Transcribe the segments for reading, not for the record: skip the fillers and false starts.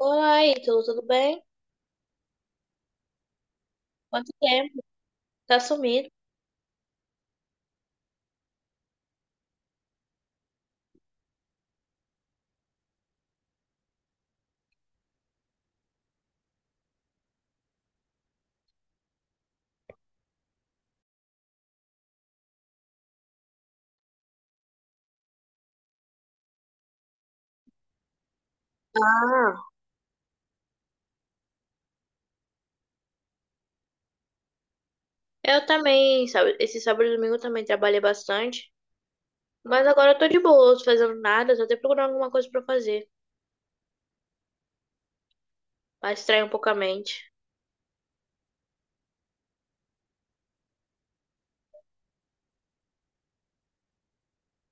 Oi, tudo bem? Quanto tempo? Tá sumido. Ah, eu também, sabe? Esse sábado e domingo eu também trabalhei bastante. Mas agora eu tô de boa, tô fazendo nada, tô até procurando alguma coisa pra fazer, pra distrair um pouco a mente.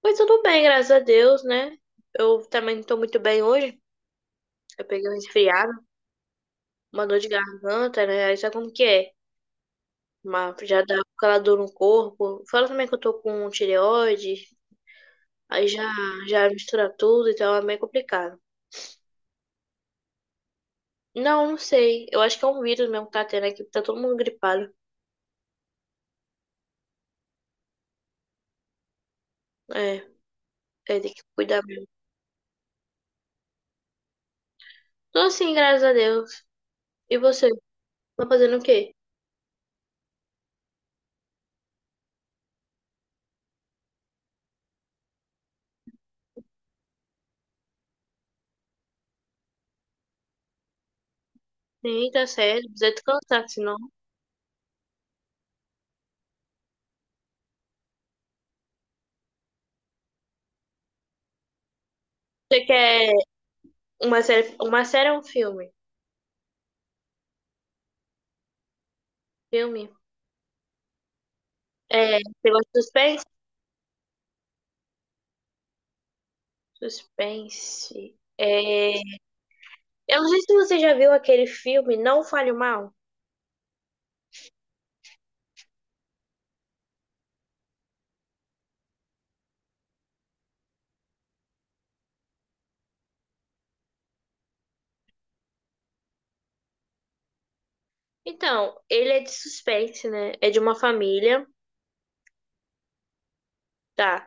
Mas tudo bem, graças a Deus, né? Eu também não tô muito bem hoje. Eu peguei um resfriado, uma dor de garganta, né? Aí sabe como que é? Mas já dá aquela dor no corpo. Fala também que eu tô com tireoide, aí já, já mistura tudo, então é meio complicado. Não, não sei. Eu acho que é um vírus mesmo que tá tendo aqui, porque tá todo mundo gripado. É, é, tem que cuidar mesmo. Tô assim, graças a Deus. E você? Tá fazendo o quê? Sim, tá sério. Precisa descansar, senão. Você quer uma série? Uma série ou um filme. Filme. É, você gosta de suspense? Suspense. É, eu não sei se você já viu aquele filme Não Fale Mal. Então, ele é de suspense, né? É de uma família, tá?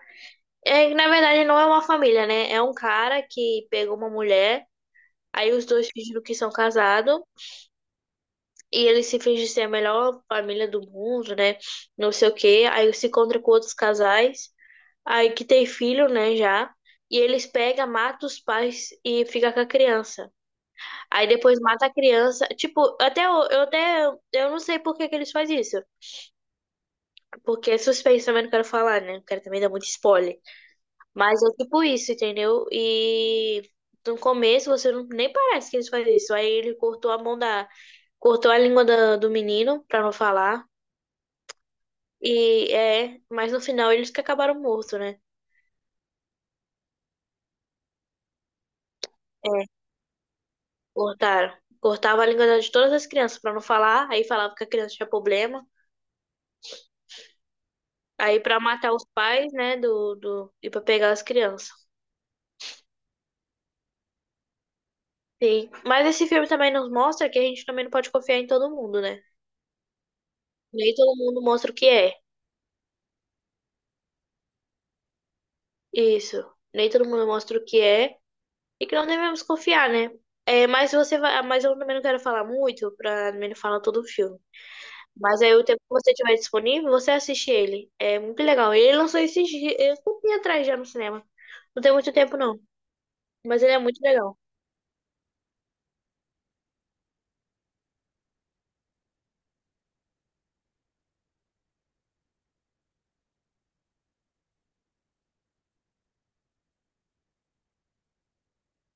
É, na verdade, não é uma família, né? É um cara que pegou uma mulher. Aí os dois fingem que são casados e eles se fingem ser a melhor família do mundo, né? Não sei o quê. Aí se encontra com outros casais, aí que tem filho, né, já. E eles pegam, matam os pais e fica com a criança. Aí depois mata a criança. Tipo, até eu até eu não sei por que que eles fazem isso. Porque é suspense também não quero falar, né? Não quero também dar muito spoiler. Mas é tipo isso, entendeu? E no começo você não, nem parece que eles fazem isso. Aí ele cortou a mão da cortou a língua da- do menino pra não falar. E é, mas no final eles que acabaram morto, né? É, cortaram. Cortava a língua da- de todas as crianças pra não falar, aí falava que a criança tinha problema. Aí pra matar os pais, né, do e pra pegar as crianças. Sim. Mas esse filme também nos mostra que a gente também não pode confiar em todo mundo, né? Nem todo mundo mostra o que é. Isso. Nem todo mundo mostra o que é e que não devemos confiar, né? É, mas você vai, mas eu também não quero falar muito pra não falar todo o filme. Mas aí o tempo que você tiver disponível, você assiste ele. É muito legal. Ele lançou esses dias, é, um atrás já no cinema. Não tem muito tempo, não. Mas ele é muito legal.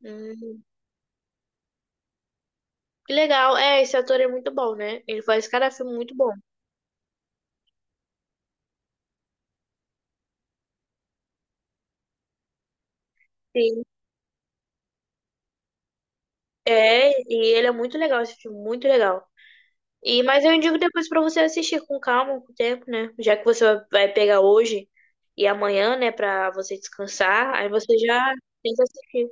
Hum, que legal. É, esse ator é muito bom, né? Ele faz cada filme muito bom. Sim. É, e ele é muito legal, esse filme, muito legal. E, mas eu indico depois pra você assistir com calma, com tempo, né? Já que você vai pegar hoje e amanhã, né, pra você descansar, aí você já tem que assistir.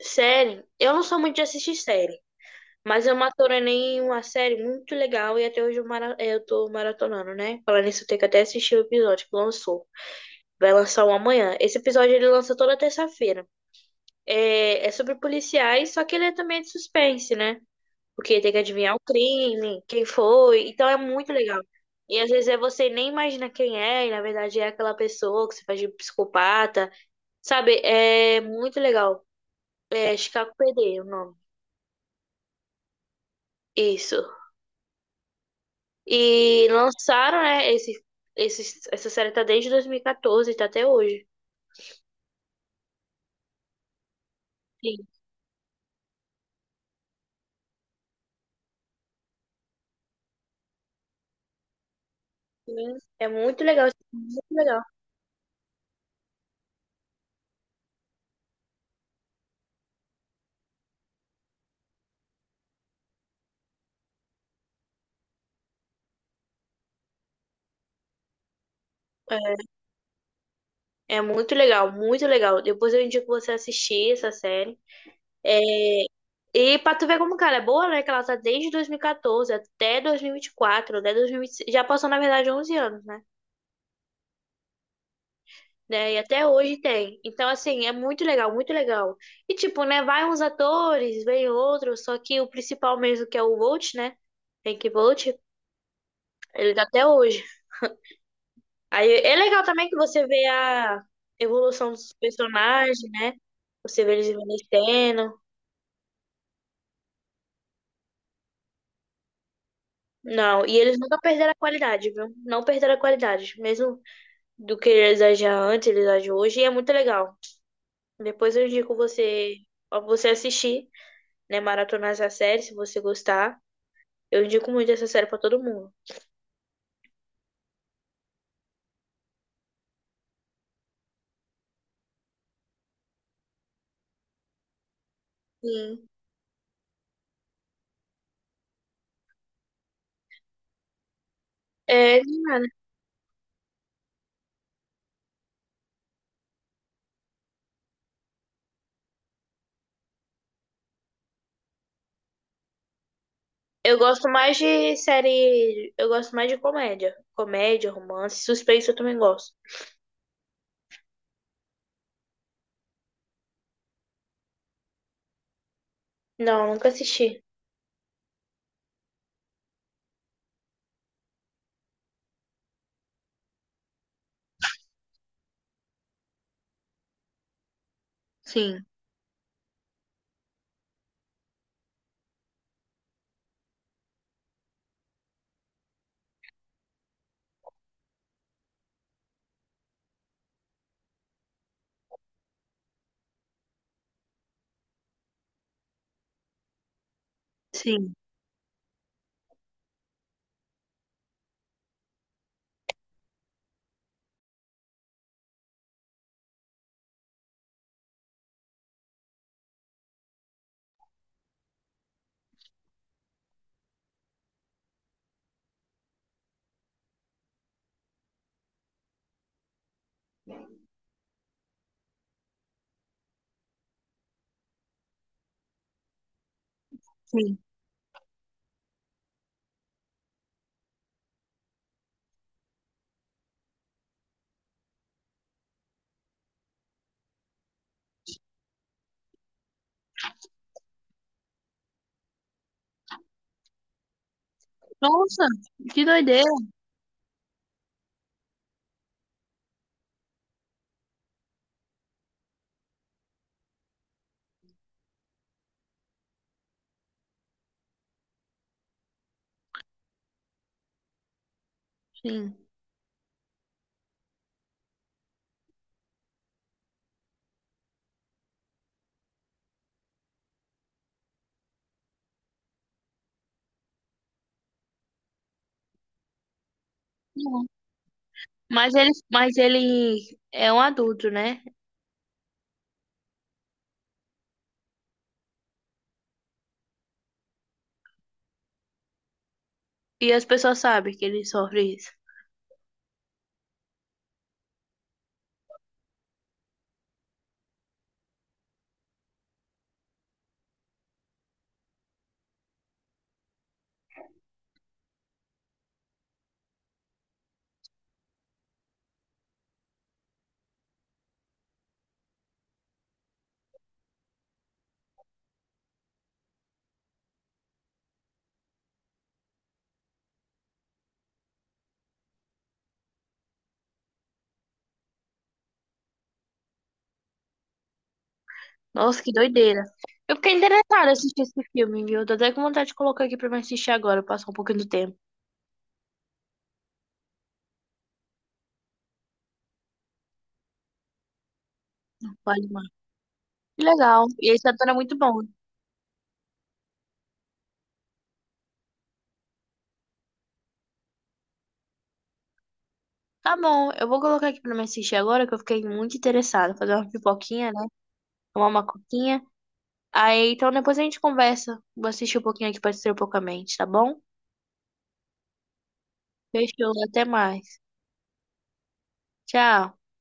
Série, eu não sou muito de assistir série. Mas eu maratonei uma série muito legal e até hoje eu, mara... eu tô maratonando, né? Falando nisso, eu tenho que até assistir o episódio que lançou. Vai lançar um amanhã. Esse episódio ele lança toda terça-feira. É... é sobre policiais, só que ele é também de suspense, né? Porque tem que adivinhar o crime, quem foi. Então é muito legal. E às vezes é você nem imagina quem é, e na verdade é aquela pessoa que você faz de psicopata. Sabe? É muito legal. É Chicago PD, o nome. Isso. E lançaram, né, essa série tá desde 2014, tá até hoje. Sim. Sim. É muito legal, assim, muito legal. É, é muito legal, muito legal. Depois eu indico você assistir essa série. É, e pra tu ver como, cara, é boa, né? Que ela tá desde 2014 até 2024, até 2025. Já passou, na verdade, 11 anos, né? Né, e até hoje tem. Então, assim, é muito legal, muito legal. E, tipo, né? Vai uns atores, vem outros, só que o principal mesmo, que é o Volt, né? Hank Volt, ele tá até hoje. Aí é legal também que você vê a evolução dos personagens, né? Você vê eles envelhecendo. Não, e eles nunca perderam a qualidade, viu? Não perderam a qualidade. Mesmo do que eles agiam antes, eles agem hoje, e é muito legal. Depois eu indico você, ó, você assistir, né? Maratonar essa série, se você gostar. Eu indico muito essa série pra todo mundo. Sim. É, mano, eu gosto mais de série. Eu gosto mais de comédia. Comédia, romance, suspense eu também gosto. Não, nunca assisti. Sim, sim, sim. Nossa, que doideira. Sim. Não. Mas ele é um adulto, né? E as pessoas sabem que ele sofre isso. Nossa, que doideira. Eu fiquei interessada em assistir esse filme, viu? Tô até com vontade de colocar aqui pra me assistir agora, passar um pouquinho do tempo. Vale mais. Que legal. E esse ator é muito bom. Tá bom, eu vou colocar aqui pra me assistir agora, que eu fiquei muito interessada. Fazer uma pipoquinha, né? Tomar uma coquinha. Aí, então depois a gente conversa. Vou assistir um pouquinho aqui pra distrair um pouco a mente, tá bom? Fechou, até mais. Tchau.